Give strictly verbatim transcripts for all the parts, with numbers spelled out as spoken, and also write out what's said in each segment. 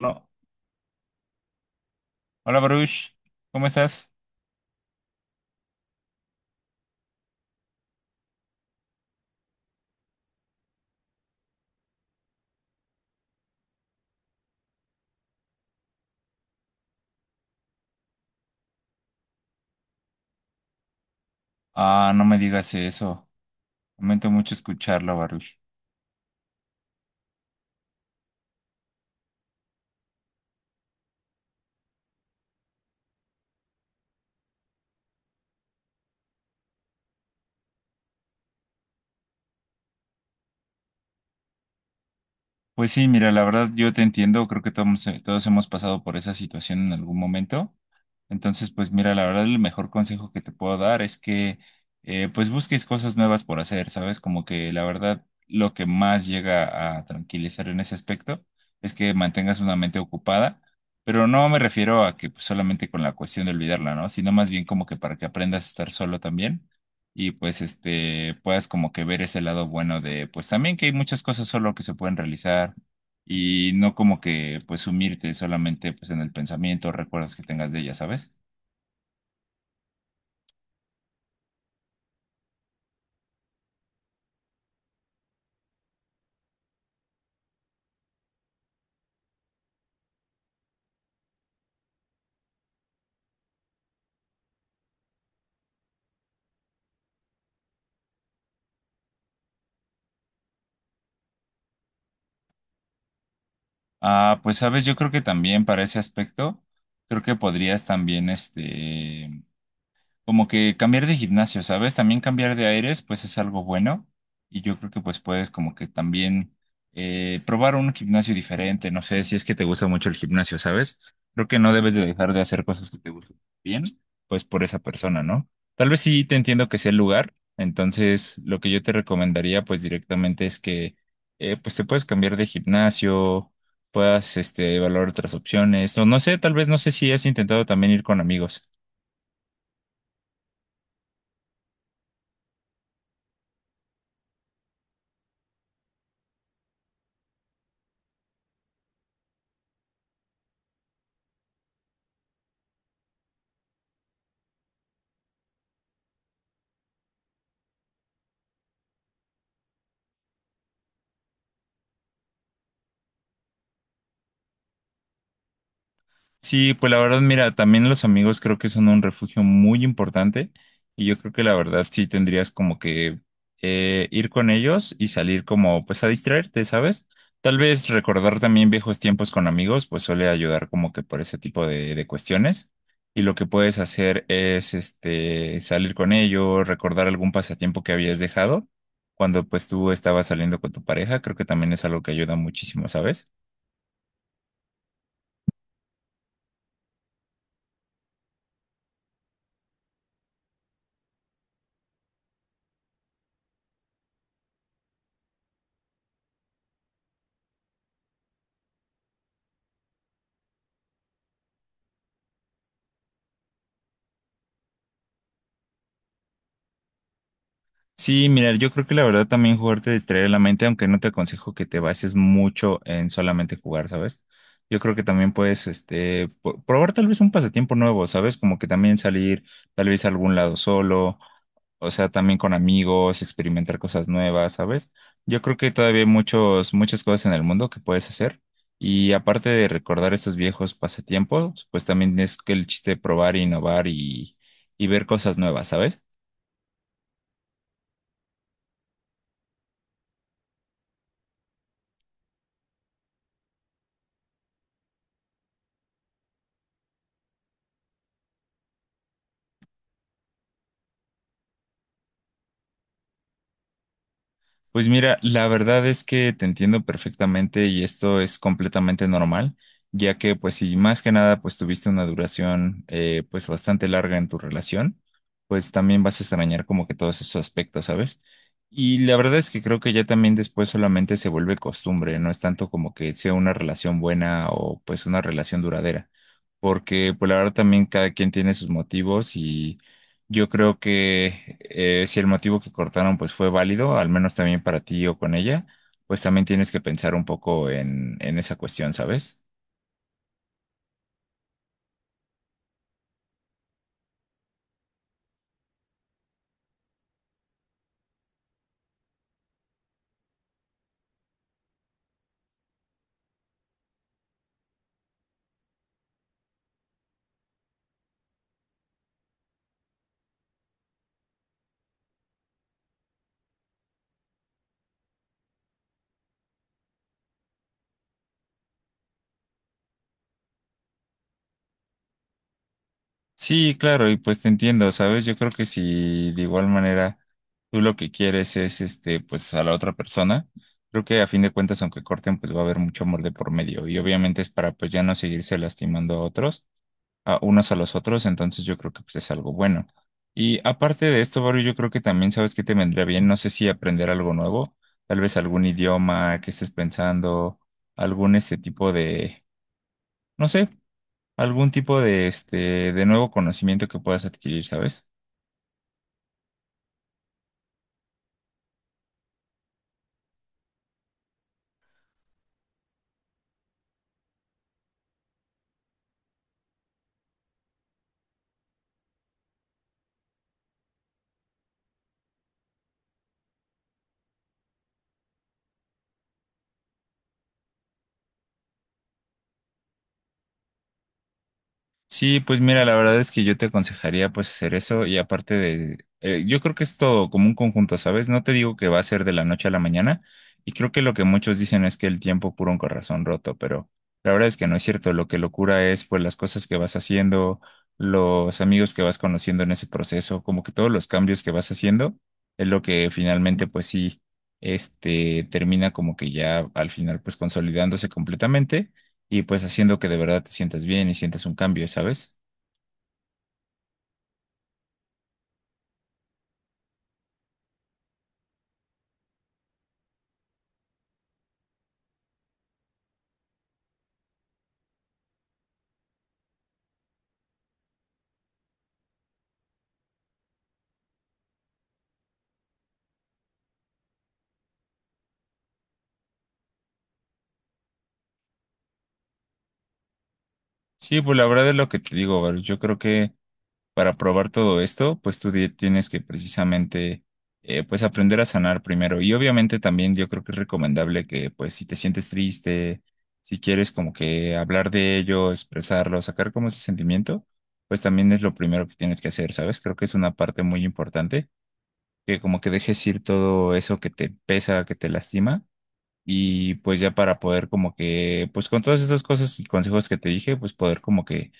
No. Hola Baruch, ¿cómo estás? Ah, no me digas eso. Lamento mucho escucharlo, Baruch. Pues sí, mira, la verdad yo te entiendo, creo que todos, eh, todos hemos pasado por esa situación en algún momento. Entonces, pues mira, la verdad el mejor consejo que te puedo dar es que eh, pues busques cosas nuevas por hacer, ¿sabes? Como que la verdad lo que más llega a tranquilizar en ese aspecto es que mantengas una mente ocupada, pero no me refiero a que pues, solamente con la cuestión de olvidarla, ¿no? Sino más bien como que para que aprendas a estar solo también y pues este puedas como que ver ese lado bueno de pues también que hay muchas cosas solo que se pueden realizar y no como que pues sumirte solamente pues en el pensamiento, recuerdos que tengas de ella, ¿sabes? Ah, pues sabes, yo creo que también para ese aspecto creo que podrías también este como que cambiar de gimnasio, ¿sabes? También cambiar de aires, pues es algo bueno. Y yo creo que pues puedes como que también eh, probar un gimnasio diferente. No sé si es que te gusta mucho el gimnasio, ¿sabes? Creo que no debes de dejar de hacer cosas que te gusten bien, pues por esa persona, ¿no? Tal vez sí te entiendo que sea el lugar. Entonces, lo que yo te recomendaría pues directamente es que eh, pues te puedes cambiar de gimnasio, puedas este, evaluar otras opciones. O no sé, tal vez no sé si has intentado también ir con amigos. Sí, pues la verdad, mira, también los amigos creo que son un refugio muy importante y yo creo que la verdad sí tendrías como que eh, ir con ellos y salir como pues a distraerte, ¿sabes? Tal vez recordar también viejos tiempos con amigos pues suele ayudar como que por ese tipo de, de cuestiones y lo que puedes hacer es este salir con ellos, recordar algún pasatiempo que habías dejado cuando pues tú estabas saliendo con tu pareja, creo que también es algo que ayuda muchísimo, ¿sabes? Sí, mira, yo creo que la verdad también jugar te distrae la mente, aunque no te aconsejo que te bases mucho en solamente jugar, ¿sabes? Yo creo que también puedes, este, po- probar tal vez un pasatiempo nuevo, ¿sabes? Como que también salir tal vez a algún lado solo, o sea, también con amigos, experimentar cosas nuevas, ¿sabes? Yo creo que todavía hay muchos, muchas cosas en el mundo que puedes hacer. Y aparte de recordar estos viejos pasatiempos, pues también es que el chiste de probar, innovar y, y ver cosas nuevas, ¿sabes? Pues mira, la verdad es que te entiendo perfectamente y esto es completamente normal, ya que pues si más que nada pues tuviste una duración eh, pues bastante larga en tu relación, pues también vas a extrañar como que todos esos aspectos, ¿sabes? Y la verdad es que creo que ya también después solamente se vuelve costumbre, no es tanto como que sea una relación buena o pues una relación duradera, porque pues la verdad también cada quien tiene sus motivos. Yo creo que eh, si el motivo que cortaron pues fue válido, al menos también para ti o con ella, pues también tienes que pensar un poco en, en esa cuestión, ¿sabes? Sí, claro, y pues te entiendo, ¿sabes? Yo creo que si de igual manera tú lo que quieres es este, pues a la otra persona, creo que a fin de cuentas, aunque corten, pues va a haber mucho amor de por medio y obviamente es para pues ya no seguirse lastimando a otros a unos a los otros, entonces yo creo que pues, es algo bueno. Y aparte de esto, Baru, yo creo que también sabes que te vendría bien, no sé si aprender algo nuevo, tal vez algún idioma que estés pensando, algún este tipo de, no sé, algún tipo de este de nuevo conocimiento que puedas adquirir, ¿sabes? Sí, pues mira, la verdad es que yo te aconsejaría pues hacer eso y aparte de, eh, yo creo que es todo como un conjunto, ¿sabes? No te digo que va a ser de la noche a la mañana y creo que lo que muchos dicen es que el tiempo cura un corazón roto, pero la verdad es que no es cierto, lo que lo cura es pues las cosas que vas haciendo, los amigos que vas conociendo en ese proceso, como que todos los cambios que vas haciendo es lo que finalmente pues sí, este termina como que ya al final pues consolidándose completamente y pues haciendo que de verdad te sientas bien y sientas un cambio, ¿sabes? Sí, pues la verdad es lo que te digo, Baruch. Yo creo que para probar todo esto, pues tú di- tienes que precisamente, eh, pues aprender a sanar primero. Y obviamente también yo creo que es recomendable que, pues si te sientes triste, si quieres como que hablar de ello, expresarlo, sacar como ese sentimiento, pues también es lo primero que tienes que hacer, ¿sabes? Creo que es una parte muy importante, que como que dejes ir todo eso que te pesa, que te lastima. Y pues ya para poder como que, pues con todas esas cosas y consejos que te dije, pues poder como que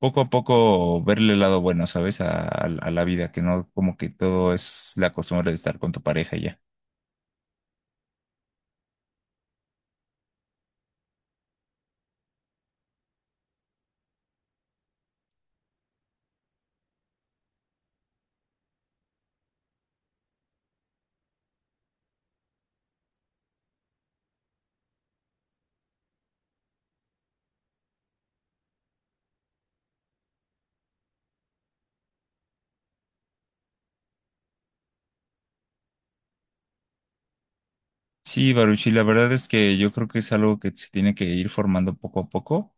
poco a poco verle el lado bueno, ¿sabes? A, a- a la vida, que no como que todo es la costumbre de estar con tu pareja y ya. Sí, Baruchi, la verdad es que yo creo que es algo que se tiene que ir formando poco a poco.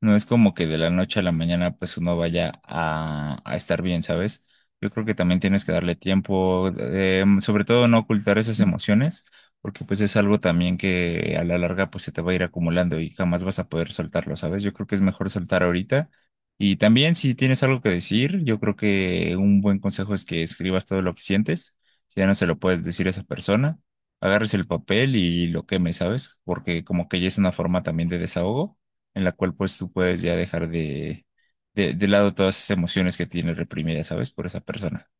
No es como que de la noche a la mañana pues uno vaya a, a estar bien, ¿sabes? Yo creo que también tienes que darle tiempo, eh, mm, sobre todo no ocultar esas emociones, porque pues es algo también que a la larga pues se te va a ir acumulando y jamás vas a poder soltarlo, ¿sabes? Yo creo que es mejor soltar ahorita. Y también si tienes algo que decir, yo creo que un buen consejo es que escribas todo lo que sientes, si ya no se lo puedes decir a esa persona, agarres el papel y lo quemes, ¿sabes? Porque como que ya es una forma también de desahogo en la cual pues tú puedes ya dejar de, de, de lado todas esas emociones que tienes reprimidas, ¿sabes? Por esa persona.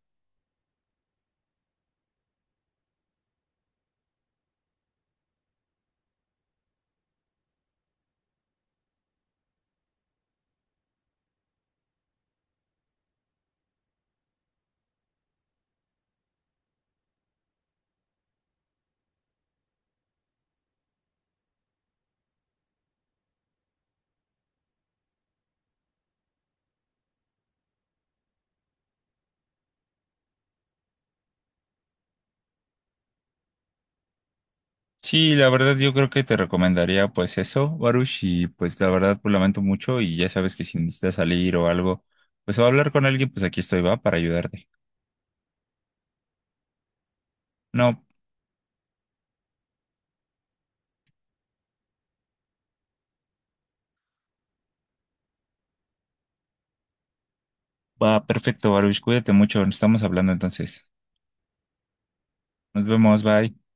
Sí, la verdad yo creo que te recomendaría pues eso, Baruch, y pues la verdad pues lamento mucho y ya sabes que si necesitas salir o algo, pues o hablar con alguien, pues aquí estoy, va, para ayudarte. No, va, perfecto, Baruch, cuídate mucho, nos estamos hablando entonces. Nos vemos, bye.